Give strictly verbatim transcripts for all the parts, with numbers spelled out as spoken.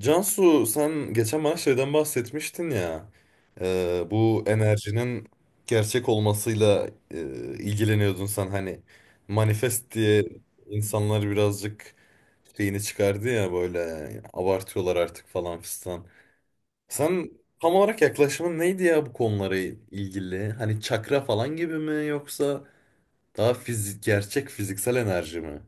Cansu sen geçen bana şeyden bahsetmiştin ya e, bu enerjinin gerçek olmasıyla e, ilgileniyordun sen hani manifest diye insanlar birazcık şeyini çıkardı ya böyle abartıyorlar artık falan fistan. Sen tam olarak yaklaşımın neydi ya bu konulara ilgili? Hani çakra falan gibi mi yoksa daha fizik gerçek fiziksel enerji mi?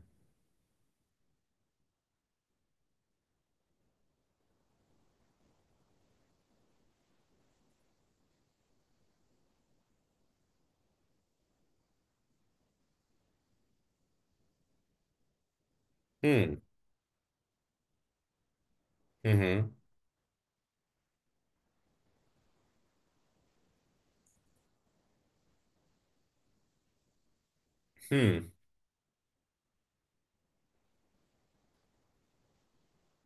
Hmm. Hı hı. Hmm.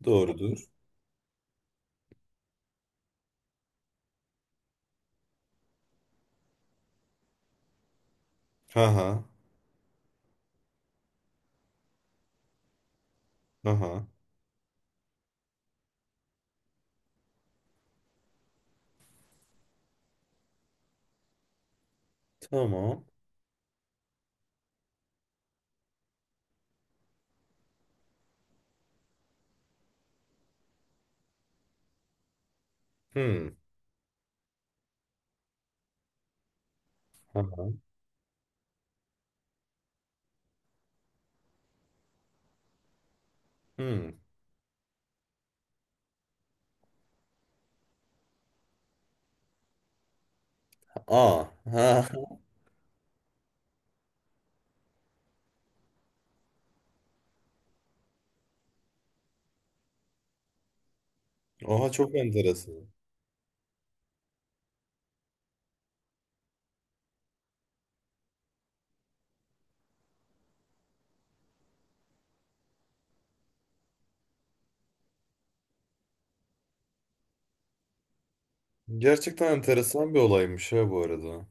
Doğrudur. Aha. Aha. Tamam. Hmm. Aha. Hmm. Aa. Ha. Oha, çok enteresan. Gerçekten enteresan bir olaymış ha bu arada.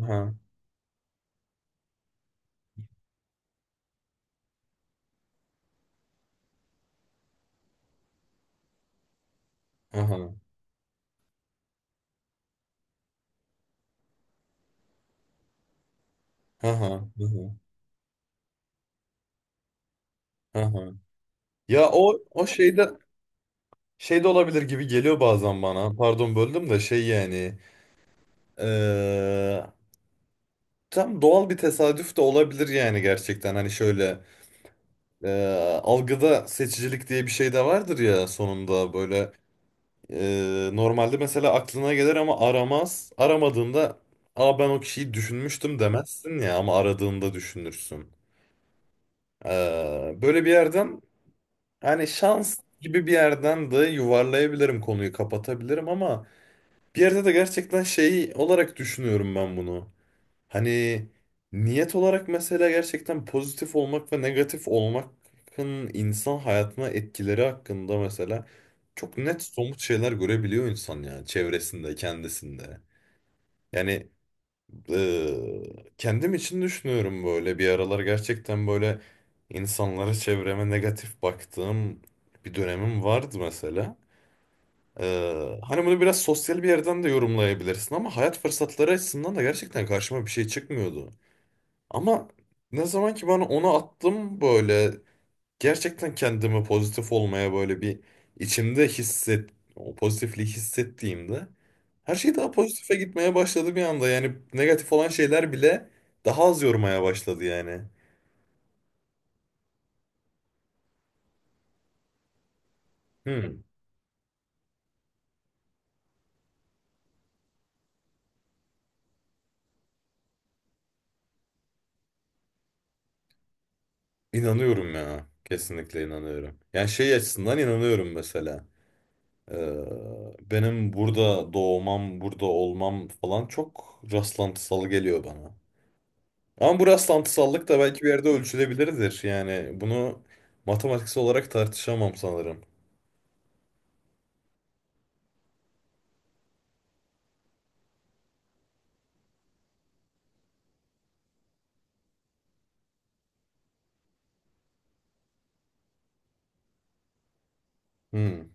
Aha. Aha. Aha. Aha. Aha. Ya o o şeyde şeyde olabilir gibi geliyor bazen bana. Pardon, böldüm de şey yani. eee, Tam doğal bir tesadüf de olabilir yani gerçekten. Hani şöyle eee, algıda seçicilik diye bir şey de vardır ya sonunda böyle. Ee, normalde mesela aklına gelir ama aramaz. Aramadığında, aa, ben o kişiyi düşünmüştüm demezsin ya, ama aradığında düşünürsün. Ee, böyle bir yerden, hani şans gibi bir yerden de yuvarlayabilirim, konuyu kapatabilirim ama bir yerde de gerçekten şey olarak düşünüyorum ben bunu. Hani niyet olarak mesela gerçekten pozitif olmak ve negatif olmakın insan hayatına etkileri hakkında mesela çok net somut şeyler görebiliyor insan ya, çevresinde, kendisinde. Yani eee, kendim için düşünüyorum, böyle bir aralar gerçekten böyle insanlara, çevreme negatif baktığım bir dönemim vardı mesela. Eee, hani bunu biraz sosyal bir yerden de yorumlayabilirsin ama hayat fırsatları açısından da gerçekten karşıma bir şey çıkmıyordu. Ama ne zaman ki bana onu attım böyle, gerçekten kendimi pozitif olmaya böyle bir içimde hisset o pozitifliği hissettiğimde her şey daha pozitife gitmeye başladı bir anda. Yani negatif olan şeyler bile daha az yormaya başladı yani. Hmm. İnanıyorum ya. Kesinlikle inanıyorum. Yani şey açısından inanıyorum mesela. Ee, Benim burada doğmam, burada olmam falan çok rastlantısal geliyor bana. Ama bu rastlantısallık da belki bir yerde ölçülebilirdir. Yani bunu matematiksel olarak tartışamam sanırım. Hmm.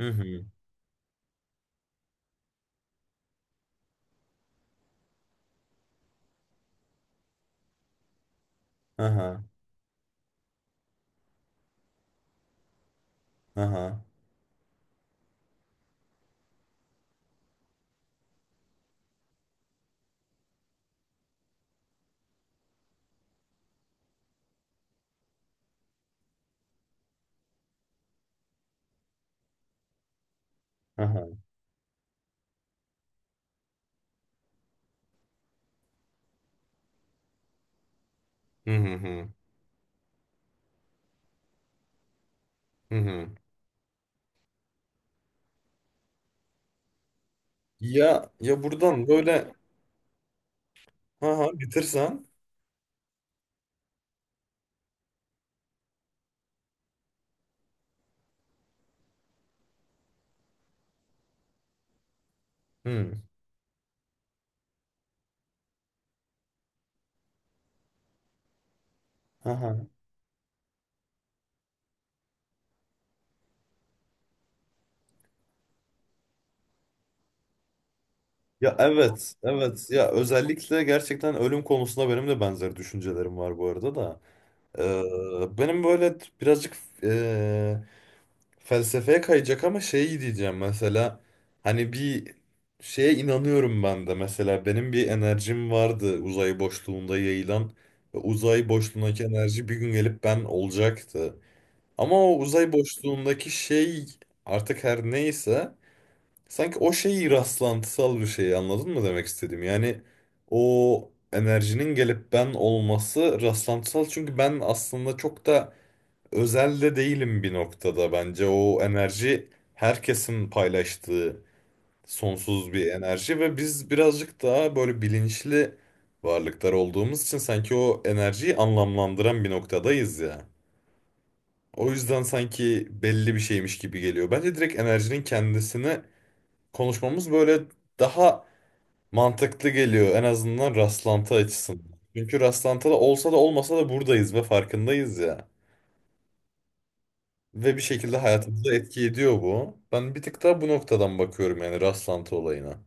Hı hı. Aha. Aha. Aha. Hı hı hı. Hı hı. Ya ya, buradan böyle aha bitirsen. Hı. Aha. Ya evet, evet. Ya özellikle gerçekten ölüm konusunda benim de benzer düşüncelerim var bu arada da. Ee, benim böyle birazcık felsefeye kayacak ama şey diyeceğim mesela, hani bir şeye inanıyorum ben de mesela, benim bir enerjim vardı uzay boşluğunda yayılan ve uzay boşluğundaki enerji bir gün gelip ben olacaktı. Ama o uzay boşluğundaki şey artık her neyse, sanki o şey rastlantısal bir şey, anladın mı demek istedim. Yani o enerjinin gelip ben olması rastlantısal, çünkü ben aslında çok da özelde değilim bir noktada bence. O enerji herkesin paylaştığı sonsuz bir enerji ve biz birazcık daha böyle bilinçli varlıklar olduğumuz için sanki o enerjiyi anlamlandıran bir noktadayız ya. O yüzden sanki belli bir şeymiş gibi geliyor. Bence direkt enerjinin kendisini konuşmamız böyle daha mantıklı geliyor, en azından rastlantı açısından. Çünkü rastlantıda olsa da olmasa da buradayız ve farkındayız ya. Ve bir şekilde hayatımıza etki ediyor bu. Ben bir tık daha bu noktadan bakıyorum yani rastlantı olayına.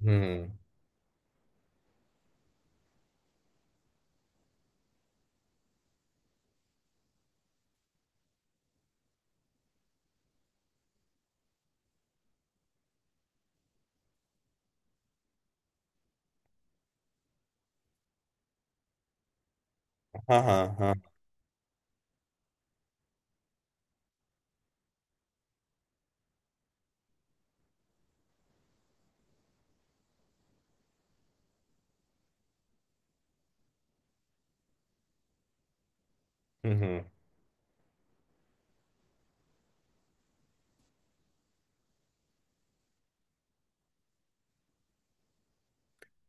Hmm. Ha ha ha. Hı hı.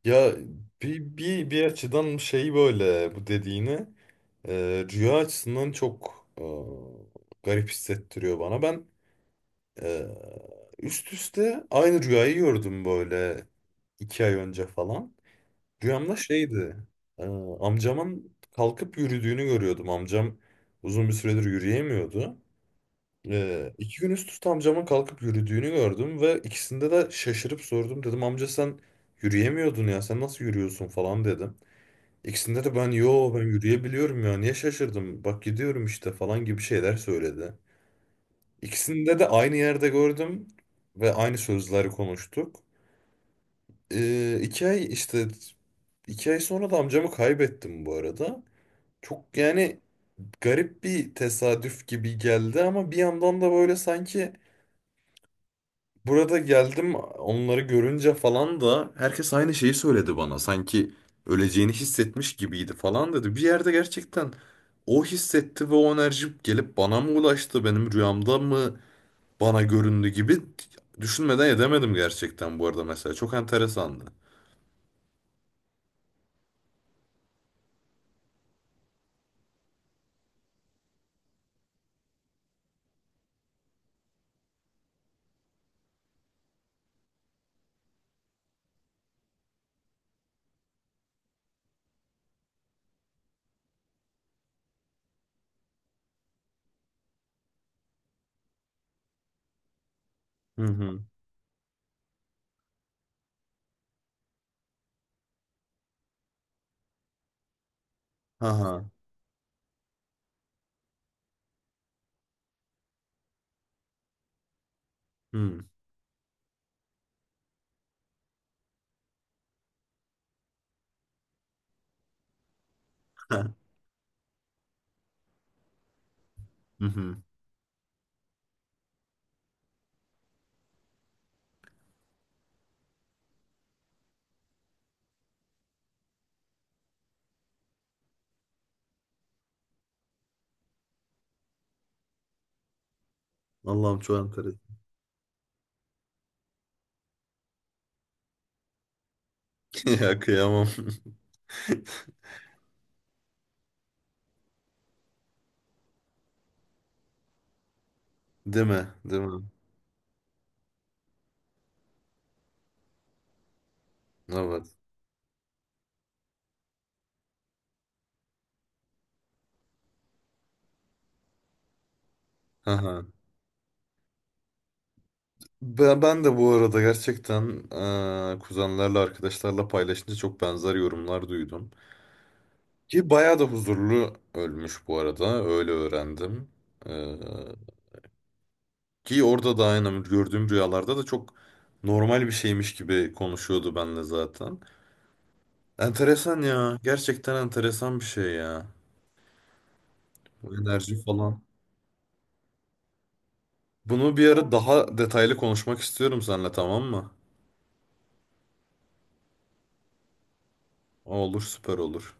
Ya bir, bir, bir açıdan şey böyle bu dediğini e, rüya açısından çok e, garip hissettiriyor bana. Ben e, üst üste aynı rüyayı gördüm böyle iki ay önce falan. Rüyamda şeydi, e, amcamın kalkıp yürüdüğünü görüyordum. Amcam uzun bir süredir yürüyemiyordu. Ee, iki gün üst üste amcamın kalkıp yürüdüğünü gördüm ve ikisinde de şaşırıp sordum. Dedim amca sen yürüyemiyordun ya, sen nasıl yürüyorsun falan dedim. İkisinde de ben yo ben yürüyebiliyorum ya niye şaşırdım bak gidiyorum işte falan gibi şeyler söyledi. İkisinde de aynı yerde gördüm ve aynı sözleri konuştuk. Ee, iki ay işte, iki ay sonra da amcamı kaybettim bu arada. Çok yani garip bir tesadüf gibi geldi ama bir yandan da böyle sanki. Burada geldim onları görünce falan da herkes aynı şeyi söyledi bana. Sanki öleceğini hissetmiş gibiydi falan dedi. Bir yerde gerçekten o hissetti ve o enerji gelip bana mı ulaştı, benim rüyamda mı bana göründü gibi düşünmeden edemedim gerçekten bu arada mesela. Çok enteresandı. Hı hı. Ha ha. Hı. Ha. Hı hı. Allah'ım çok enteresan. Ya kıyamam. Değil mi? Değil mi? Evet. Ha. Ben, ben de bu arada gerçekten eee, kuzenlerle arkadaşlarla paylaşınca çok benzer yorumlar duydum. Ki bayağı da huzurlu ölmüş bu arada, öyle öğrendim. Eee, Ki orada da aynı gördüğüm rüyalarda da çok normal bir şeymiş gibi konuşuyordu benle zaten. Enteresan ya, gerçekten enteresan bir şey ya. Bu enerji falan. Bunu bir ara daha detaylı konuşmak istiyorum seninle, tamam mı? Olur, süper olur.